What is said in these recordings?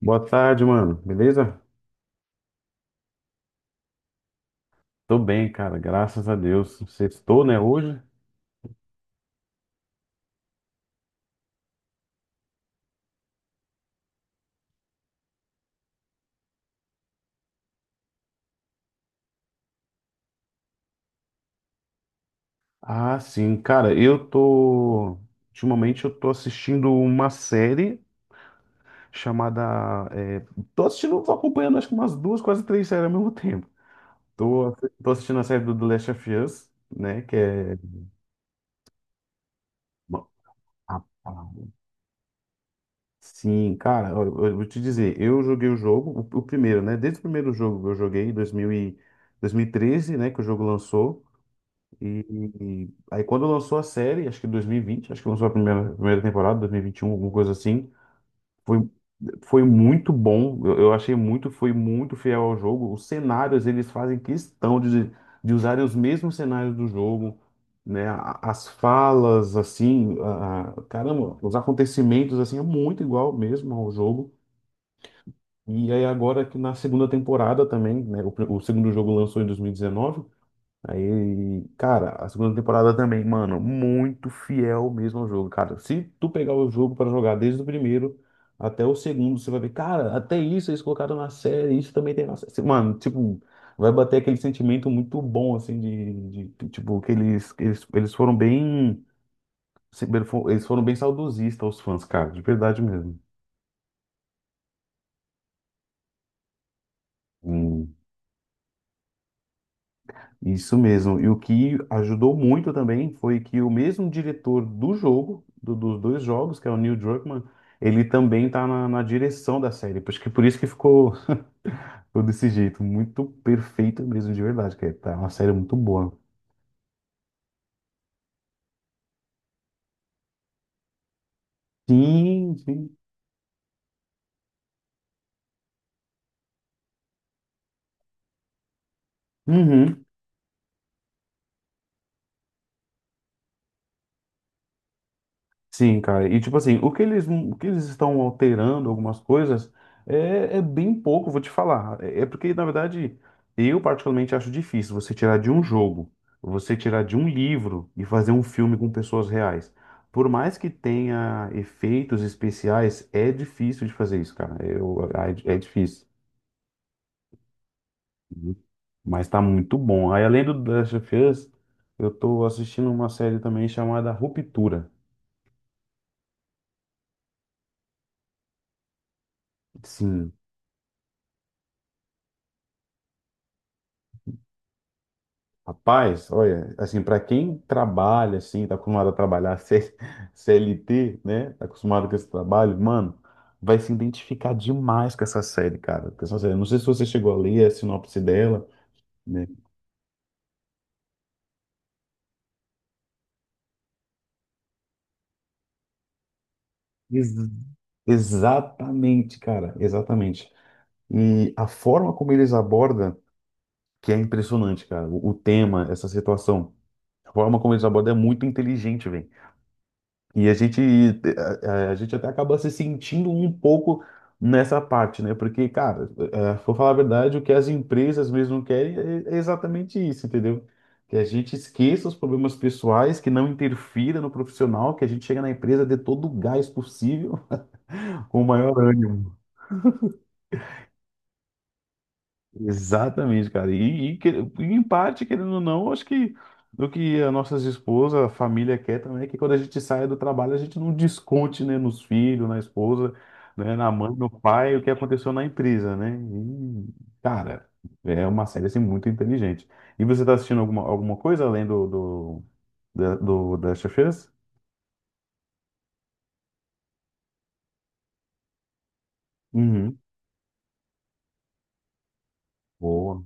Boa tarde, mano. Beleza? Tô bem, cara. Graças a Deus. Sextou, né, hoje? Ah, sim. Cara, eu tô. Ultimamente eu tô assistindo uma série chamada. Tô assistindo, tô acompanhando acho que umas duas, quase três séries ao mesmo tempo. Tô, tô assistindo a série do The Last of Us, né? Que é. Rapaz, sim, cara, olha, eu vou te dizer, eu joguei o jogo, o primeiro, né? Desde o primeiro jogo que eu joguei, em 2013, né? Que o jogo lançou. E aí quando lançou a série, acho que em 2020, acho que lançou a primeira temporada, 2021, alguma coisa assim, foi, foi muito bom. Eu achei muito, foi muito fiel ao jogo. Os cenários, eles fazem questão de usarem os mesmos cenários do jogo, né? As falas, assim, caramba, os acontecimentos, assim, é muito igual mesmo ao jogo. E aí agora que na segunda temporada também, né? O segundo jogo lançou em 2019. Aí, cara, a segunda temporada também, mano, muito fiel mesmo ao jogo, cara. Se tu pegar o jogo pra jogar desde o primeiro até o segundo, você vai ver, cara, até isso eles colocaram na série, isso também tem na série. Mano, tipo, vai bater aquele sentimento muito bom, assim, tipo, que eles foram bem saudosistas, os fãs, cara, de verdade mesmo. Hum. Isso mesmo. E o que ajudou muito também foi que o mesmo diretor do jogo, dos dois jogos, que é o Neil Druckmann, ele também tá na direção da série. Acho que por isso que ficou desse jeito. Muito perfeito mesmo, de verdade. Que é tá uma série muito boa. Sim, sim. Uhum. Sim, cara. E tipo assim, o que eles estão alterando algumas coisas é bem pouco, vou te falar. É porque, na verdade, eu particularmente acho difícil você tirar de um jogo, você tirar de um livro e fazer um filme com pessoas reais. Por mais que tenha efeitos especiais, é difícil de fazer isso, cara. É difícil. Uhum. Mas tá muito bom. Aí, além do The Last of Us, eu tô assistindo uma série também chamada Ruptura. Sim. Rapaz, olha, assim, para quem trabalha, assim, tá acostumado a trabalhar CLT, né? Tá acostumado com esse trabalho, mano, vai se identificar demais com essa série, cara. Com essa série. Não sei se você chegou a ler a sinopse dela, né? Ex- exatamente, cara, exatamente. E a forma como eles abordam, que é impressionante, cara, o tema, essa situação, a forma como eles abordam é muito inteligente. E a gente, a gente até acaba se sentindo um pouco nessa parte, né? Porque, cara, é, vou falar a verdade, o que as empresas mesmo querem é exatamente isso, entendeu? Que a gente esqueça os problemas pessoais, que não interfira no profissional, que a gente chega na empresa dê todo o gás possível, com o maior ânimo. Exatamente, cara. E, e em parte, querendo ou não, acho que o que a nossas esposas, a família quer também é que quando a gente saia do trabalho, a gente não desconte, né, nos filhos, na esposa, né, na mãe, no pai, o que aconteceu na empresa, né? E, cara, é uma série assim muito inteligente. E você tá assistindo alguma coisa além da Chefeiras? Uhum. Boa.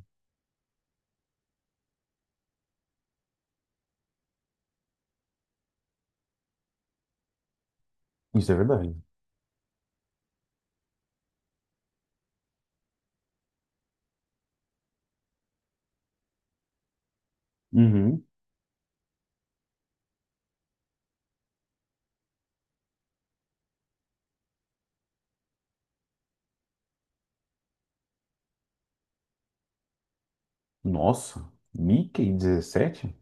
Isso é verdade. Uhum. Nossa, Mickey 17.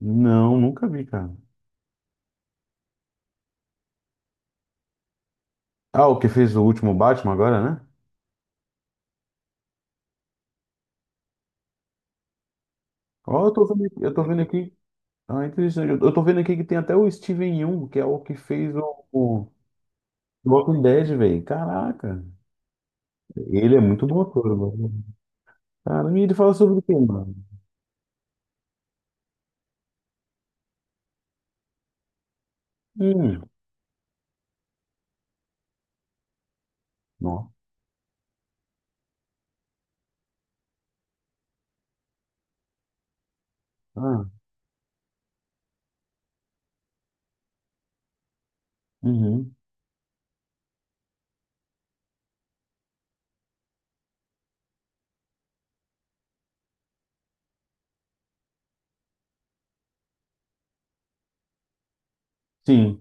Não, nunca vi, cara. Ah, o que fez o último Batman agora, né? Ó, eu tô vendo, eu tô vendo aqui. Ah, interessante. Eu tô vendo aqui que tem até o Steven Yeun, que é o que fez o Walking Dead, velho. Caraca. Ele é muito bom ator, mano. Cara, e ele fala sobre o quê, mano? Hum, nossa. Ah, uhum. Sim.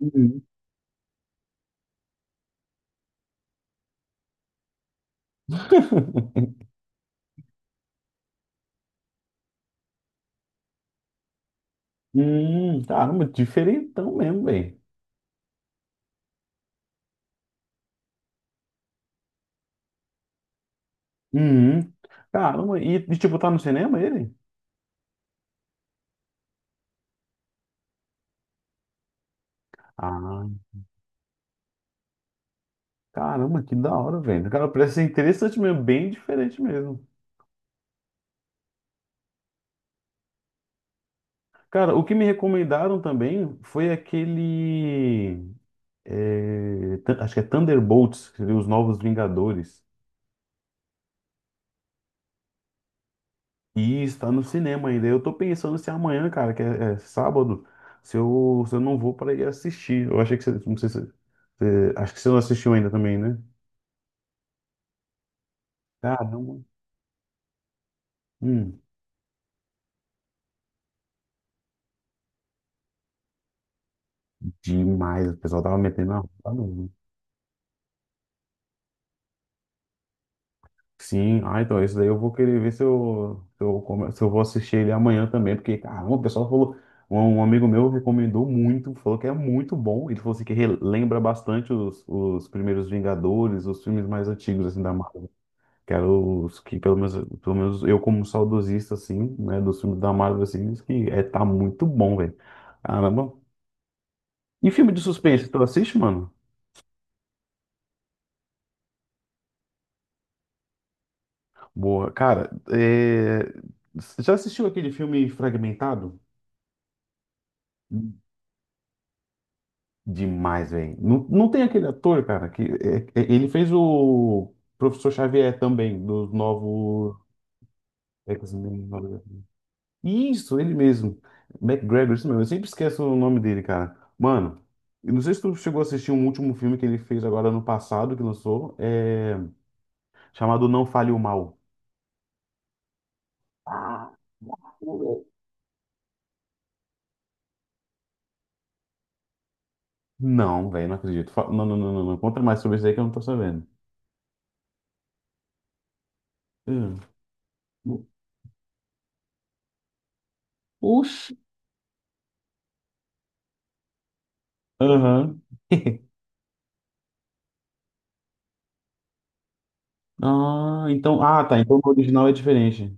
Uhum. Caramba, diferentão mesmo, velho. Uhum. Caramba, tipo, tá no cinema ele? Ah, caramba, que da hora, velho. Cara, parece ser interessante mesmo, bem diferente mesmo. Cara, o que me recomendaram também foi aquele. Acho que é Thunderbolts, que seria Os Novos Vingadores. E está no cinema ainda. Eu tô pensando se amanhã, cara, que é sábado, se eu não vou para ir assistir. Eu achei que você. Não sei acho que você não assistiu ainda também, né? Caramba. Hum, demais. O pessoal tava metendo a roda. Sim, ah, então esse daí eu vou querer ver se eu vou assistir ele amanhã também, porque, caramba, o pessoal falou, um amigo meu recomendou muito, falou que é muito bom, ele falou assim que relembra bastante os primeiros Vingadores, os filmes mais antigos, assim, da Marvel, que eram os que, pelo menos eu como saudosista, assim, né, dos filmes da Marvel, assim, diz que é, tá muito bom, velho, caramba. E filme de suspense, tu assiste, mano? Boa, cara, você já assistiu aquele filme Fragmentado? Demais, velho. Não, não tem aquele ator, cara, que ele fez o Professor Xavier também, do novo X-Men. Isso, ele mesmo. McGregor, isso mesmo. Eu sempre esqueço o nome dele, cara. Mano, eu não sei se tu chegou a assistir um último filme que ele fez agora no passado, que lançou, chamado Não Fale o Mal. Ah, não, velho, não acredito. Não, não, não, não, não. Conta mais sobre isso aí que eu não tô sabendo. Hum. Oxi. Aham. Ah, então. Ah, tá. Então o original é diferente.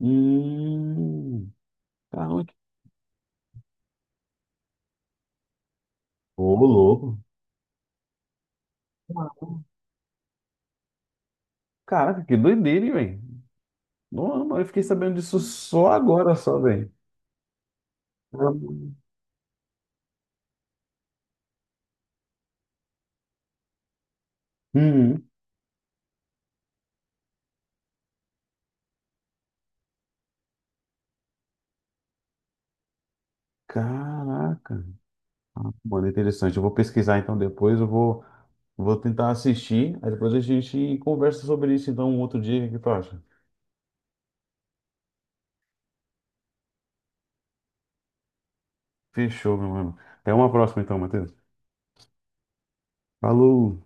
Hum. Caramba. Ô, louco. Caraca, que doideira, hein, velho. Não, eu fiquei sabendo disso só agora, só, velho. Hum. Caraca. Mano, interessante. Eu vou pesquisar então depois. Eu vou tentar assistir. Aí depois a gente conversa sobre isso então um outro dia. O que tu acha? Fechou, meu mano. Até uma próxima então, Matheus. Falou.